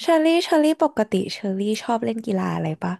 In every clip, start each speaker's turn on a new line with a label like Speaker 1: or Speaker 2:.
Speaker 1: เชอรี่ปกติเชอรี่ชอบเล่นกีฬาอะไรปะ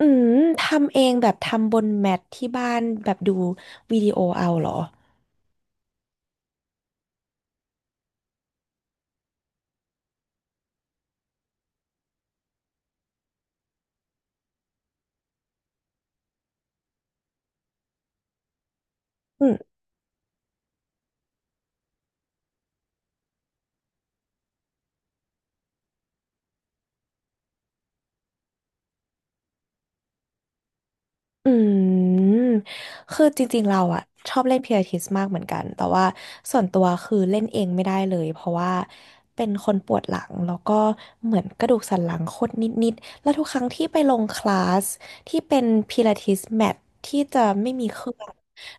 Speaker 1: อืมทำเองแบบทำบนแมทที่บ้านแบบดูวิดีโอเอาเหรอ อืม อืมคือจริงๆเราอะชอบเล่นพิลาทิสมากเหมือนกันแต่ว่าส่วนตัวคือเล่นเองไม่ได้เลยเพราะว่าเป็นคนปวดหลังแล้วก็เหมือนกระดูกสันหลังคดนิดๆแล้วทุกครั้งที่ไปลงคลาสที่เป็นพิลาทิสแมทที่จะไม่มีเครื่อง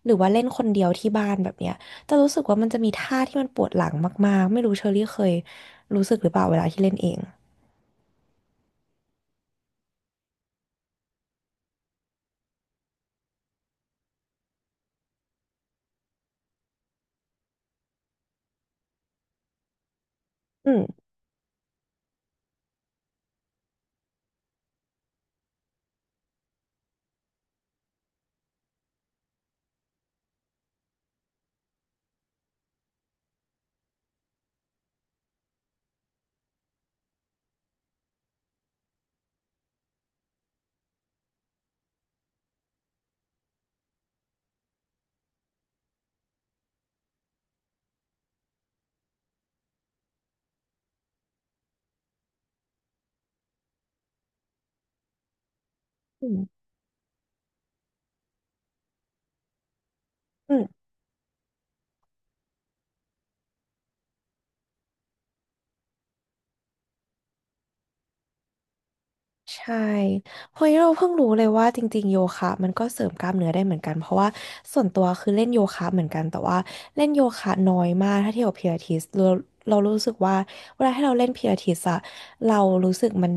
Speaker 1: หรือว่าเล่นคนเดียวที่บ้านแบบเนี้ยจะรู้สึกว่ามันจะมีท่าที่มันปวดหลังมากๆไม่รู้เชอรี่เคยรู้สึกหรือเปล่าเวลาที่เล่นเองอืมอืม ใช่เพร้ะเราเพิ่งรู้เลยว่าจริงๆโยคะมันก็เสริมกล้ามเนื้อได้เหมือนกันเพราะว่าส่วนตัวคือเล่นโยคะเหมือนกันแต่ว่าเล่นโยคะน้อยมากถ้าเทียบกับพิลาทิสเรารู้สึกว่าเวลาที่เราเล่นพิลาทิสอะเรารู้สึกมัน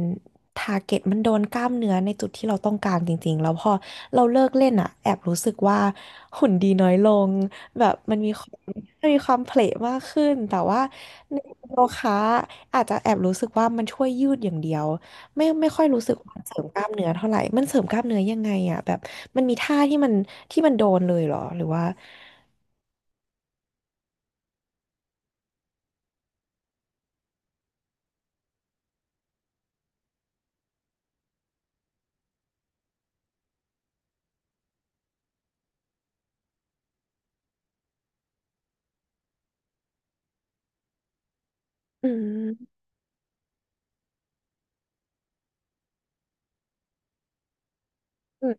Speaker 1: ทาร์เก็ตมันโดนกล้ามเนื้อในจุดที่เราต้องการจริงๆแล้วพอเราเลิกเล่นอะแอบรู้สึกว่าหุ่นดีน้อยลงแบบมันมีความเพลทมากขึ้นแต่ว่าในโยคะอาจจะแอบรู้สึกว่ามันช่วยยืดอย่างเดียว ไม่ค่อยรู้สึกว่ามันเสริมกล้ามเนื้อเท่าไหร่ มันเสริมกล้ามเนื้อยังไงอ่ะแบบมันมีท่าที่มันโดนเลยเหรอหรือว่าอืมอืม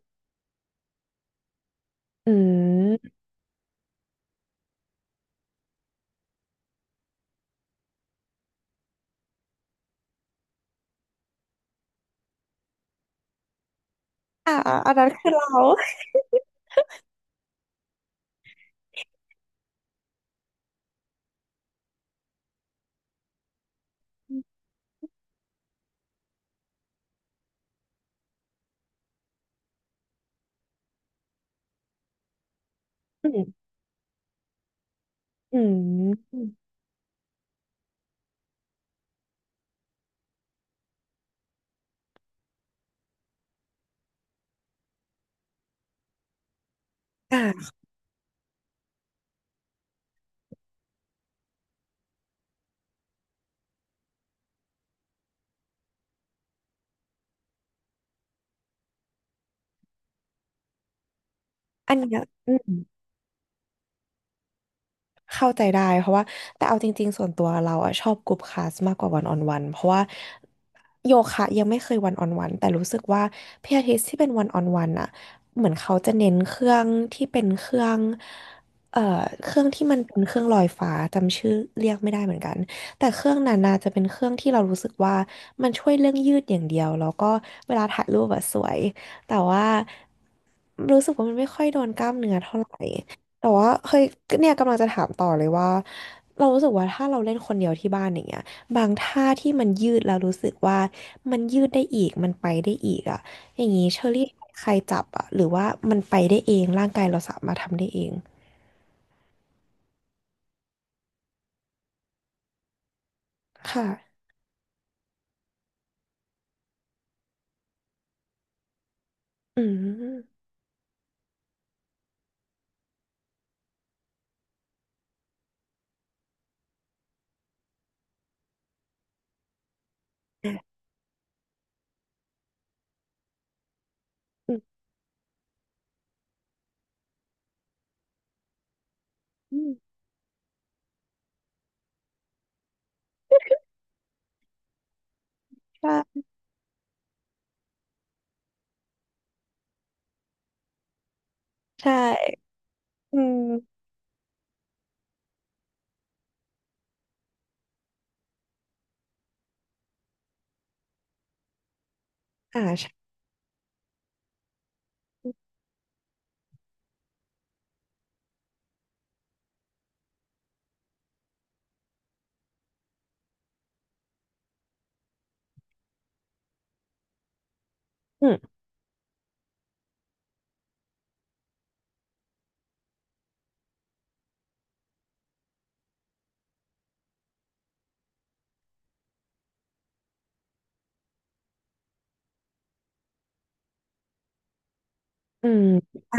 Speaker 1: อืมอ่าอันนั้นคือเราอืมอืมอ่าอันเนี้ยอืม เข้าใจได้เพราะว่าแต่เอาจริงๆส่วนตัวเราอะชอบกรุ๊ปคลาสมากกว่าวันออนวันเพราะว่าโยคะยังไม่เคยวันออนวันแต่รู้สึกว่าพิลาทิสที่เป็นวันออนวันอะเหมือนเขาจะเน้นเครื่องที่เป็นเอ่อเครื่องที่มันเป็นเครื่องลอยฟ้าจำชื่อเรียกไม่ได้เหมือนกันแต่เครื่องนั้นน่าจะเป็นเครื่องที่เรารู้สึกว่ามันช่วยเรื่องยืดอย่างเดียวแล้วก็เวลาถ่ายรูปอะสวยแต่ว่ารู้สึกว่ามันไม่ค่อยโดนกล้ามเนื้อเท่าไหร่ แต่ว่าเคยเนี่ยกำลังจะถามต่อเลยว่าเรารู้สึกว่าถ้าเราเล่นคนเดียวที่บ้านอย่างเงี้ยบางท่าที่มันยืดแล้วรู้สึกว่ามันยืดได้อีกมันไปได้อีกอ่ะอย่างงี้เชอรี่ใครจับอ่ะหรือว่ามันไปได้เองร่างกายเราสามารถทำได้เองค่ะอืมอืมอืมใช่ใช่อืมอ่าใช่อืมอืมอ่า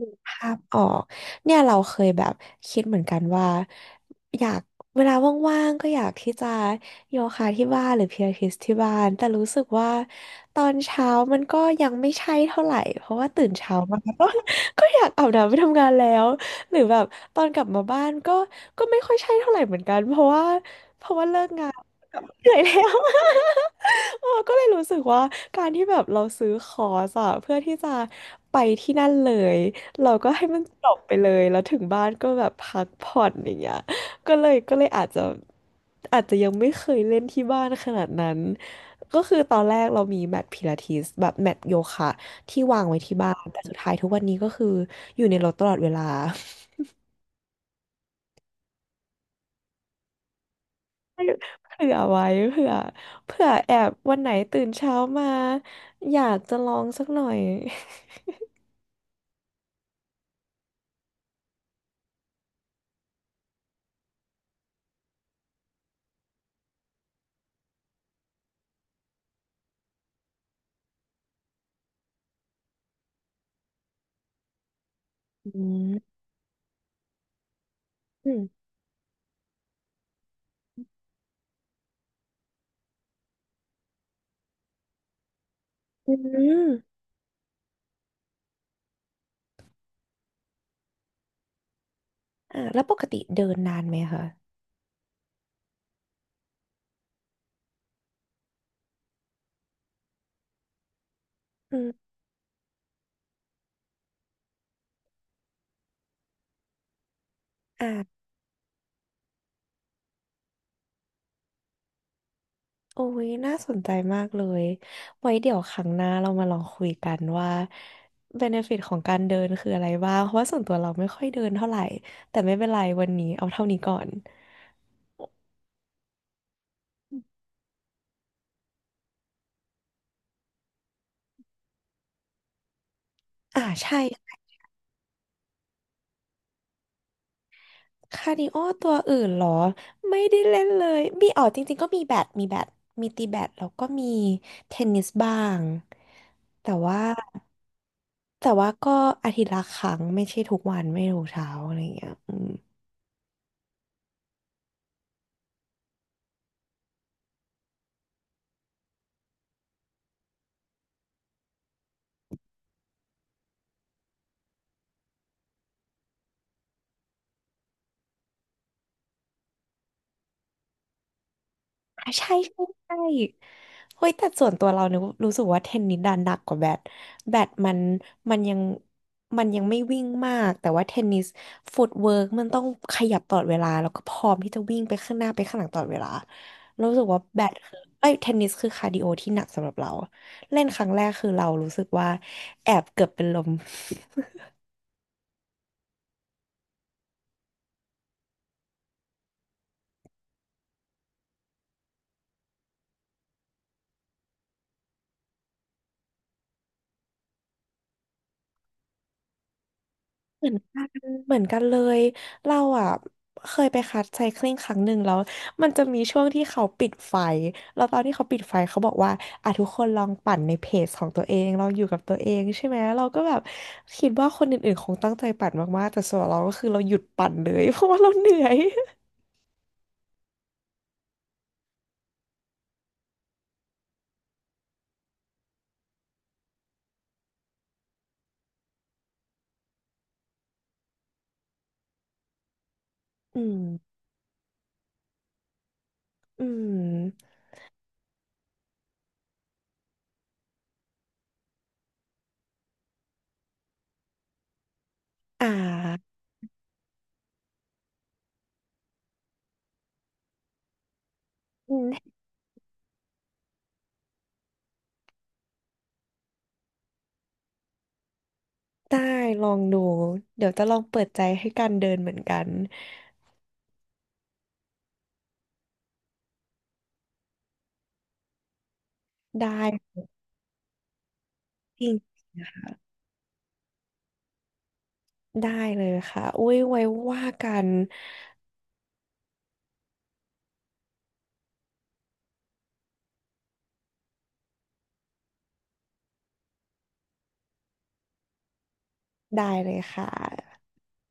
Speaker 1: นึกภาพออกเนี่ยเราเคยแบบคิดเหมือนกันว่าอยากเวลาว่างๆก็อยากที่จะโยคะที่บ้านหรือพิลาทิสที่บ้านแต่รู้สึกว่าตอนเช้ามันก็ยังไม่ใช่เท่าไหร่เพราะว่าตื่นเช้ามาก็ ก็อยากอาบน้ำไปทำงานแล้วหรือแบบตอนกลับมาบ้านก็ไม่ค่อยใช่เท่าไหร่เหมือนกันเพราะว่า เหนื่อยแล้ว เออก็เลยรู้สึกว่าการที่แบบเราซื้อคอร์สอะเพื่อที่จะไปที่นั่นเลยเราก็ให้มันจบไปเลยแล้วถึงบ้านก็แบบพักผ่อนอย่างเงี้ยก็เลยอาจจะยังไม่เคยเล่นที่บ้านขนาดนั้นก็คือตอนแรกเรามีแมทพิลาทิสแบบแมทโยคะที่วางไว้ที่บ้านแต่สุดท้ายทุกวันนี้ก็คืออยู่ในรถตลอดเวลา เผื่อไว้เผื่อเผื่อแอบวันไหนตื่นเช้ามาอยากจะลองสักหน่อยอืมอืมอืมอ่าแล้วปกติเดินนานไหมคะอืมอ่าโอ้ยน่าสนใจมากเลยไว้เดี๋ยวครั้งหน้าเรามาลองคุยกันว่า benefit ของการเดินคืออะไรบ้างเพราะว่าส่วนตัวเราไม่ค่อยเดินเท่าไหร่แต่ไม่เป็นไรวันนี้เอาเท่านี้ก่อนอ่าใช่ คาร์ดิโอตัวอื่นเหรอไม่ได้เล่นเลยมีอ๋อจริงๆก็มีแบดมีตีแบดแล้วก็มีเทนนิสบ้างแต่ว่าแต่ว่าก็อาทิตย์ละครั้งไม่ใช่ทุกวันไม่ทุกเช้าอะไรอย่างเงี้ยอืม อ่ะใช่ใช่ใช่เฮ้ยแต่ส่วนตัวเราเนี่ยรู้สึกว่าเทนนิสดันหนักกว่าแบดแบดมันยังมันยังไม่วิ่งมากแต่ว่าเทนนิสฟุตเวิร์กมันต้องขยับตลอดเวลาแล้วก็พร้อมที่จะวิ่งไปข้างหน้าไปข้างหลังตลอดเวลาเรารู้สึกว่าแบดคือเอ้ยเทนนิสคือคาร์ดิโอที่หนักสำหรับเราเล่นครั้งแรกคือเรารู้สึกว่าแอบเกือบเป็นลม เหมือนกันเหมือนกันเลย เราอ่ะเคยไปคัดไซคลิงครั้งหนึ่งแล้วมันจะมีช่วงที่เขาปิดไฟแล้วตอนที่เขาปิดไฟเขาบอกว่าอ่ะทุกคนลองปั่นในเพจของตัวเองลองอยู่กับตัวเองใช่ไหมเราก็แบบคิดว่าคนอื่นๆคงตั้งใจปั่นมากๆ แต่ส่วนเราก็คือเราหยุดปั่นเลย เพราะว่าเราเหนื่อยอืมอืมอ่าอืมได้ลองดู เดี๋ยวจะลองเปิดใจให้การเดินเหมือนกันได้จริง ได้เลยค่ะอุ้ยไว้ว่ากันได้เลยค่ะ